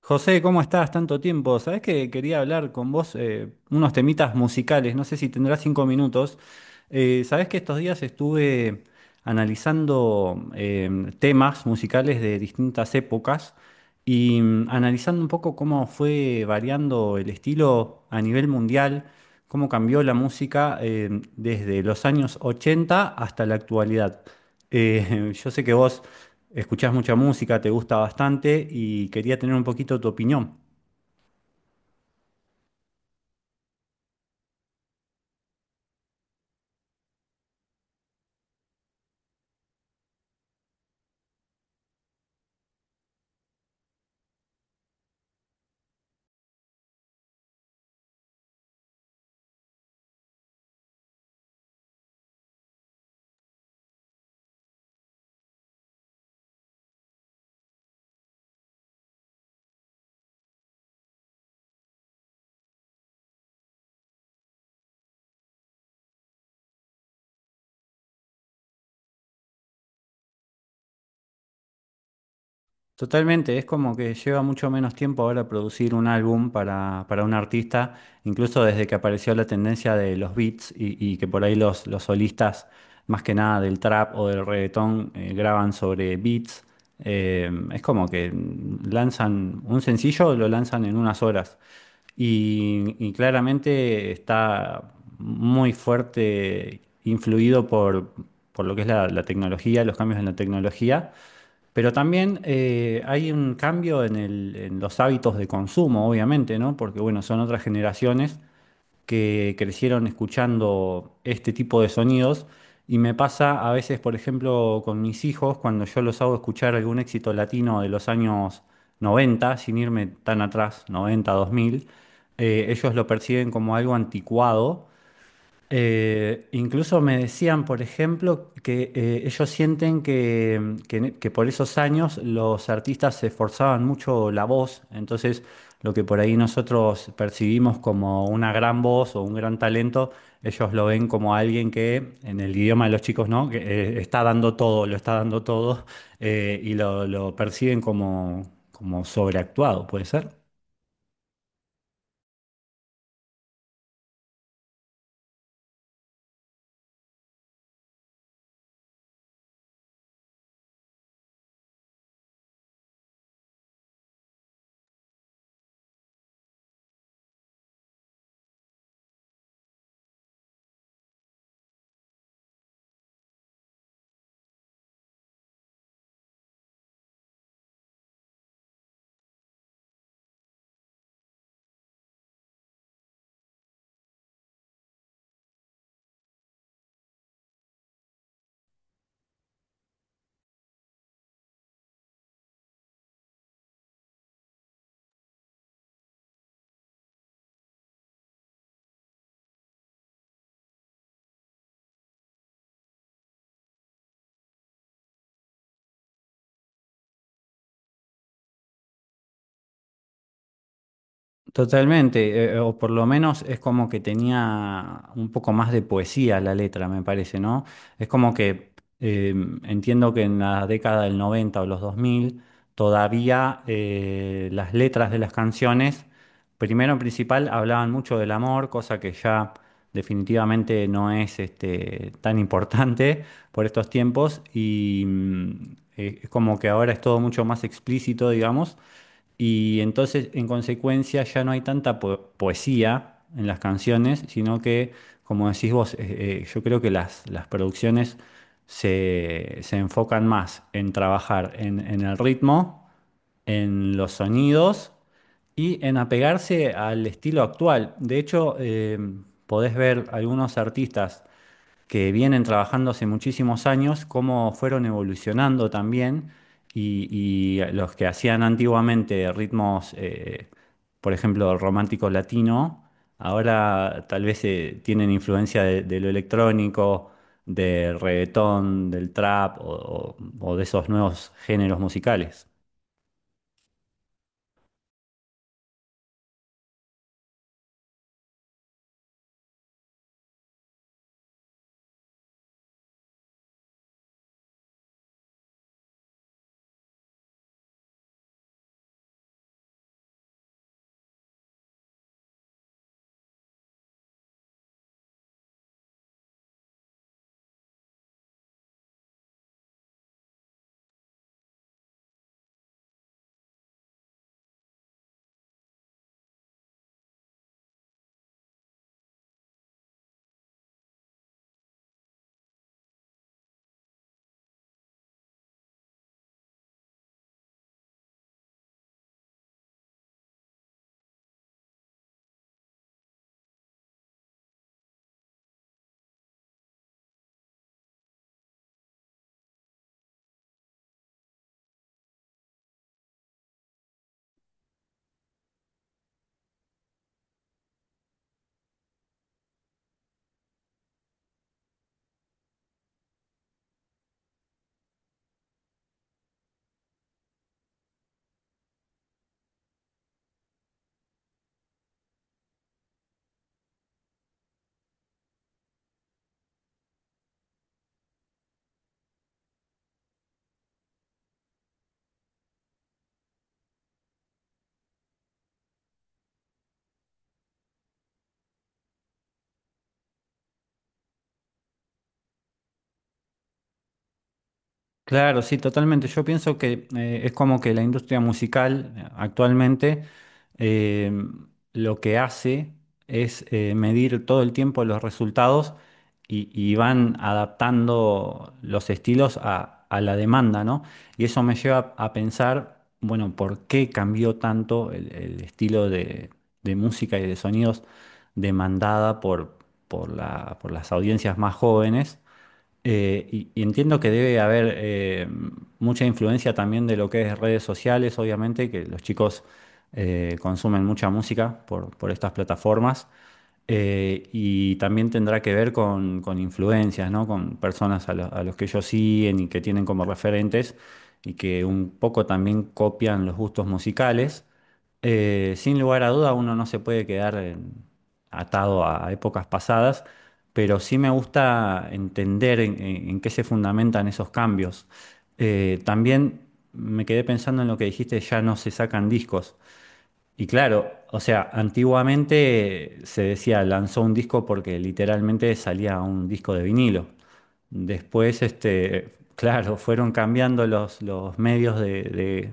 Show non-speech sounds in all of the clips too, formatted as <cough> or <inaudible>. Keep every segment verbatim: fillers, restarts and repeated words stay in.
José, ¿cómo estás? Tanto tiempo. Sabés que quería hablar con vos eh, unos temitas musicales. No sé si tendrás cinco minutos. Eh, sabés que estos días estuve analizando eh, temas musicales de distintas épocas y mm, analizando un poco cómo fue variando el estilo a nivel mundial, cómo cambió la música eh, desde los años ochenta hasta la actualidad. Eh, <laughs> yo sé que vos escuchás mucha música, te gusta bastante y quería tener un poquito tu opinión. Totalmente, es como que lleva mucho menos tiempo ahora producir un álbum para, para un artista, incluso desde que apareció la tendencia de los beats y, y que por ahí los, los solistas, más que nada del trap o del reggaetón, eh, graban sobre beats. Eh, es como que mm, lanzan un sencillo, lo lanzan en unas horas. Y, y claramente está muy fuerte influido por, por lo que es la, la tecnología, los cambios en la tecnología. Pero también eh, hay un cambio en el- en los hábitos de consumo, obviamente, ¿no? Porque, bueno, son otras generaciones que crecieron escuchando este tipo de sonidos. Y me pasa a veces, por ejemplo, con mis hijos, cuando yo los hago escuchar algún éxito latino de los años noventa sin irme tan atrás, noventa, dos mil, eh, ellos lo perciben como algo anticuado. Eh, incluso me decían, por ejemplo, que eh, ellos sienten que, que- que por esos años los artistas se esforzaban mucho la voz, entonces lo que por ahí nosotros percibimos como una gran voz o un gran talento, ellos lo ven como alguien que, en el idioma de los chicos, ¿no? Que eh, está dando todo, lo está dando todo, eh, y lo, lo perciben como, como sobreactuado, ¿puede ser? Totalmente, eh, eh, o por lo menos es como que tenía un poco más de poesía la letra, me parece, ¿no? Es como que eh, entiendo que en la década del noventa o los dos mil todavía eh, las letras de las canciones, primero en principal, hablaban mucho del amor, cosa que ya definitivamente no es este, tan importante por estos tiempos y mm, eh, es como que ahora es todo mucho más explícito, digamos. Y entonces, en consecuencia, ya no hay tanta po- poesía en las canciones, sino que, como decís vos, eh, eh, yo creo que las, las producciones se, se enfocan más en trabajar en, en el ritmo, en los sonidos y en apegarse al estilo actual. De hecho, eh, podés ver algunos artistas que vienen trabajando hace muchísimos años, cómo fueron evolucionando también y, y los que hacían antiguamente ritmos, eh, por ejemplo, romántico latino, ahora tal vez eh, tienen influencia de, de lo electrónico, del reggaetón, del trap o o- o de esos nuevos géneros musicales. Claro, sí, totalmente. Yo pienso que eh, es como que la industria musical eh, actualmente eh, lo que hace es eh, medir todo el tiempo los resultados y, y van adaptando los estilos a, a la demanda, ¿no? Y eso me lleva a pensar, bueno, ¿por qué cambió tanto el, el estilo de, de música y de sonidos demandada por, por la- por las audiencias más jóvenes? Eh, y, y entiendo que debe haber eh, mucha influencia también de lo que es redes sociales, obviamente, que los chicos eh, consumen mucha música por, por estas plataformas. Eh, y también tendrá que ver con, con influencias, ¿no? Con personas a, lo- a los que ellos siguen y que tienen como referentes y que un poco también copian los gustos musicales. Eh, sin lugar a duda, uno no se puede quedar en- atado a épocas pasadas, pero sí me gusta entender en, en- en qué se fundamentan esos cambios. Eh, también me quedé pensando en lo que dijiste, ya no se sacan discos. Y claro, o sea, antiguamente se decía lanzó un disco porque literalmente salía un disco de vinilo. Después, este, <laughs> claro, fueron cambiando los, los medios de, de-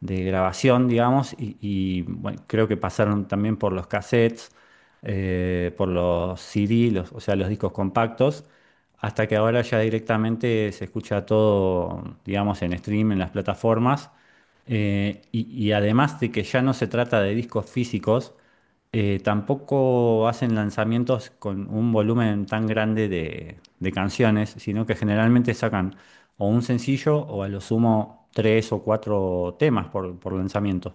de grabación, digamos, y, y, bueno, creo que pasaron también por los cassettes, eh, por los C D, los- o sea, los discos compactos, hasta que ahora ya directamente se escucha todo, digamos, en stream, en las plataformas. Eh, y, y además de que ya no se trata de discos físicos, eh, tampoco hacen lanzamientos con un volumen tan grande de, de canciones, sino que generalmente sacan o un sencillo o a lo sumo tres o cuatro temas por, por lanzamiento.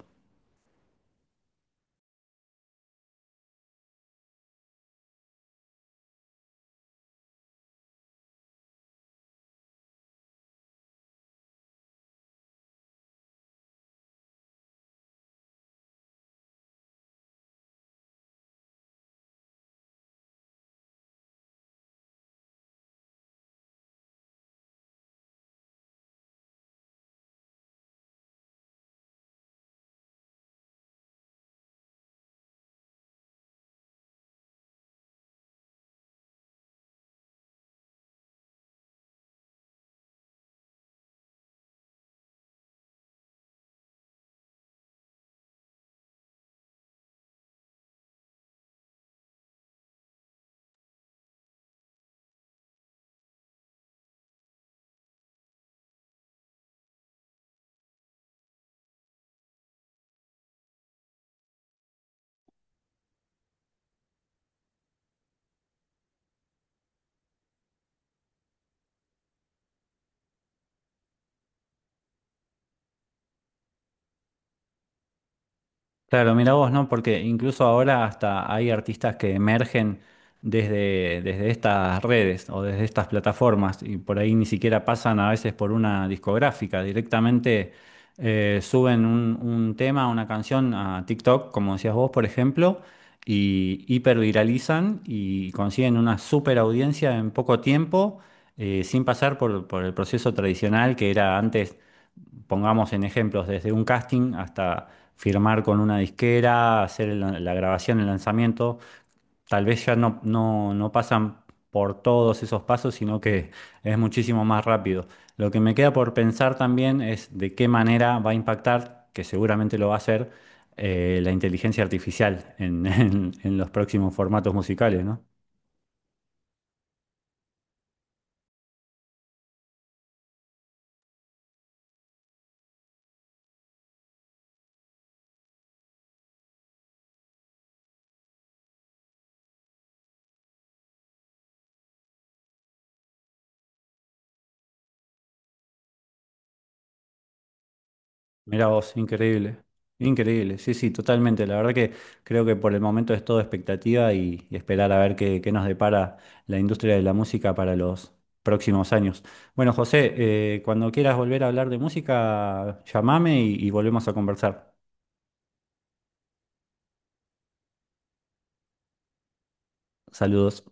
Claro, mira vos, ¿no? Porque incluso ahora hasta hay artistas que emergen desde, desde estas redes o desde estas plataformas y por ahí ni siquiera pasan a veces por una discográfica, directamente eh, suben un, un tema, una canción a TikTok, como decías vos, por ejemplo, y hiperviralizan y consiguen una super audiencia en poco tiempo, eh, sin pasar por, por el proceso tradicional que era antes, pongamos en ejemplos, desde un casting hasta firmar con una disquera, hacer el- la grabación, el lanzamiento, tal vez ya no, no, no pasan por todos esos pasos, sino que es muchísimo más rápido. Lo que me queda por pensar también es de qué manera va a impactar, que seguramente lo va a hacer, eh, la inteligencia artificial en, <laughs> en- en los próximos formatos musicales, ¿no? Mirá vos, increíble, increíble, sí, sí, totalmente. La verdad que creo que por el momento es todo expectativa y, y esperar a ver qué, qué nos depara la industria de la música para los próximos años. Bueno, José, eh, cuando quieras volver a hablar de música, llamame y y volvemos a conversar. Saludos.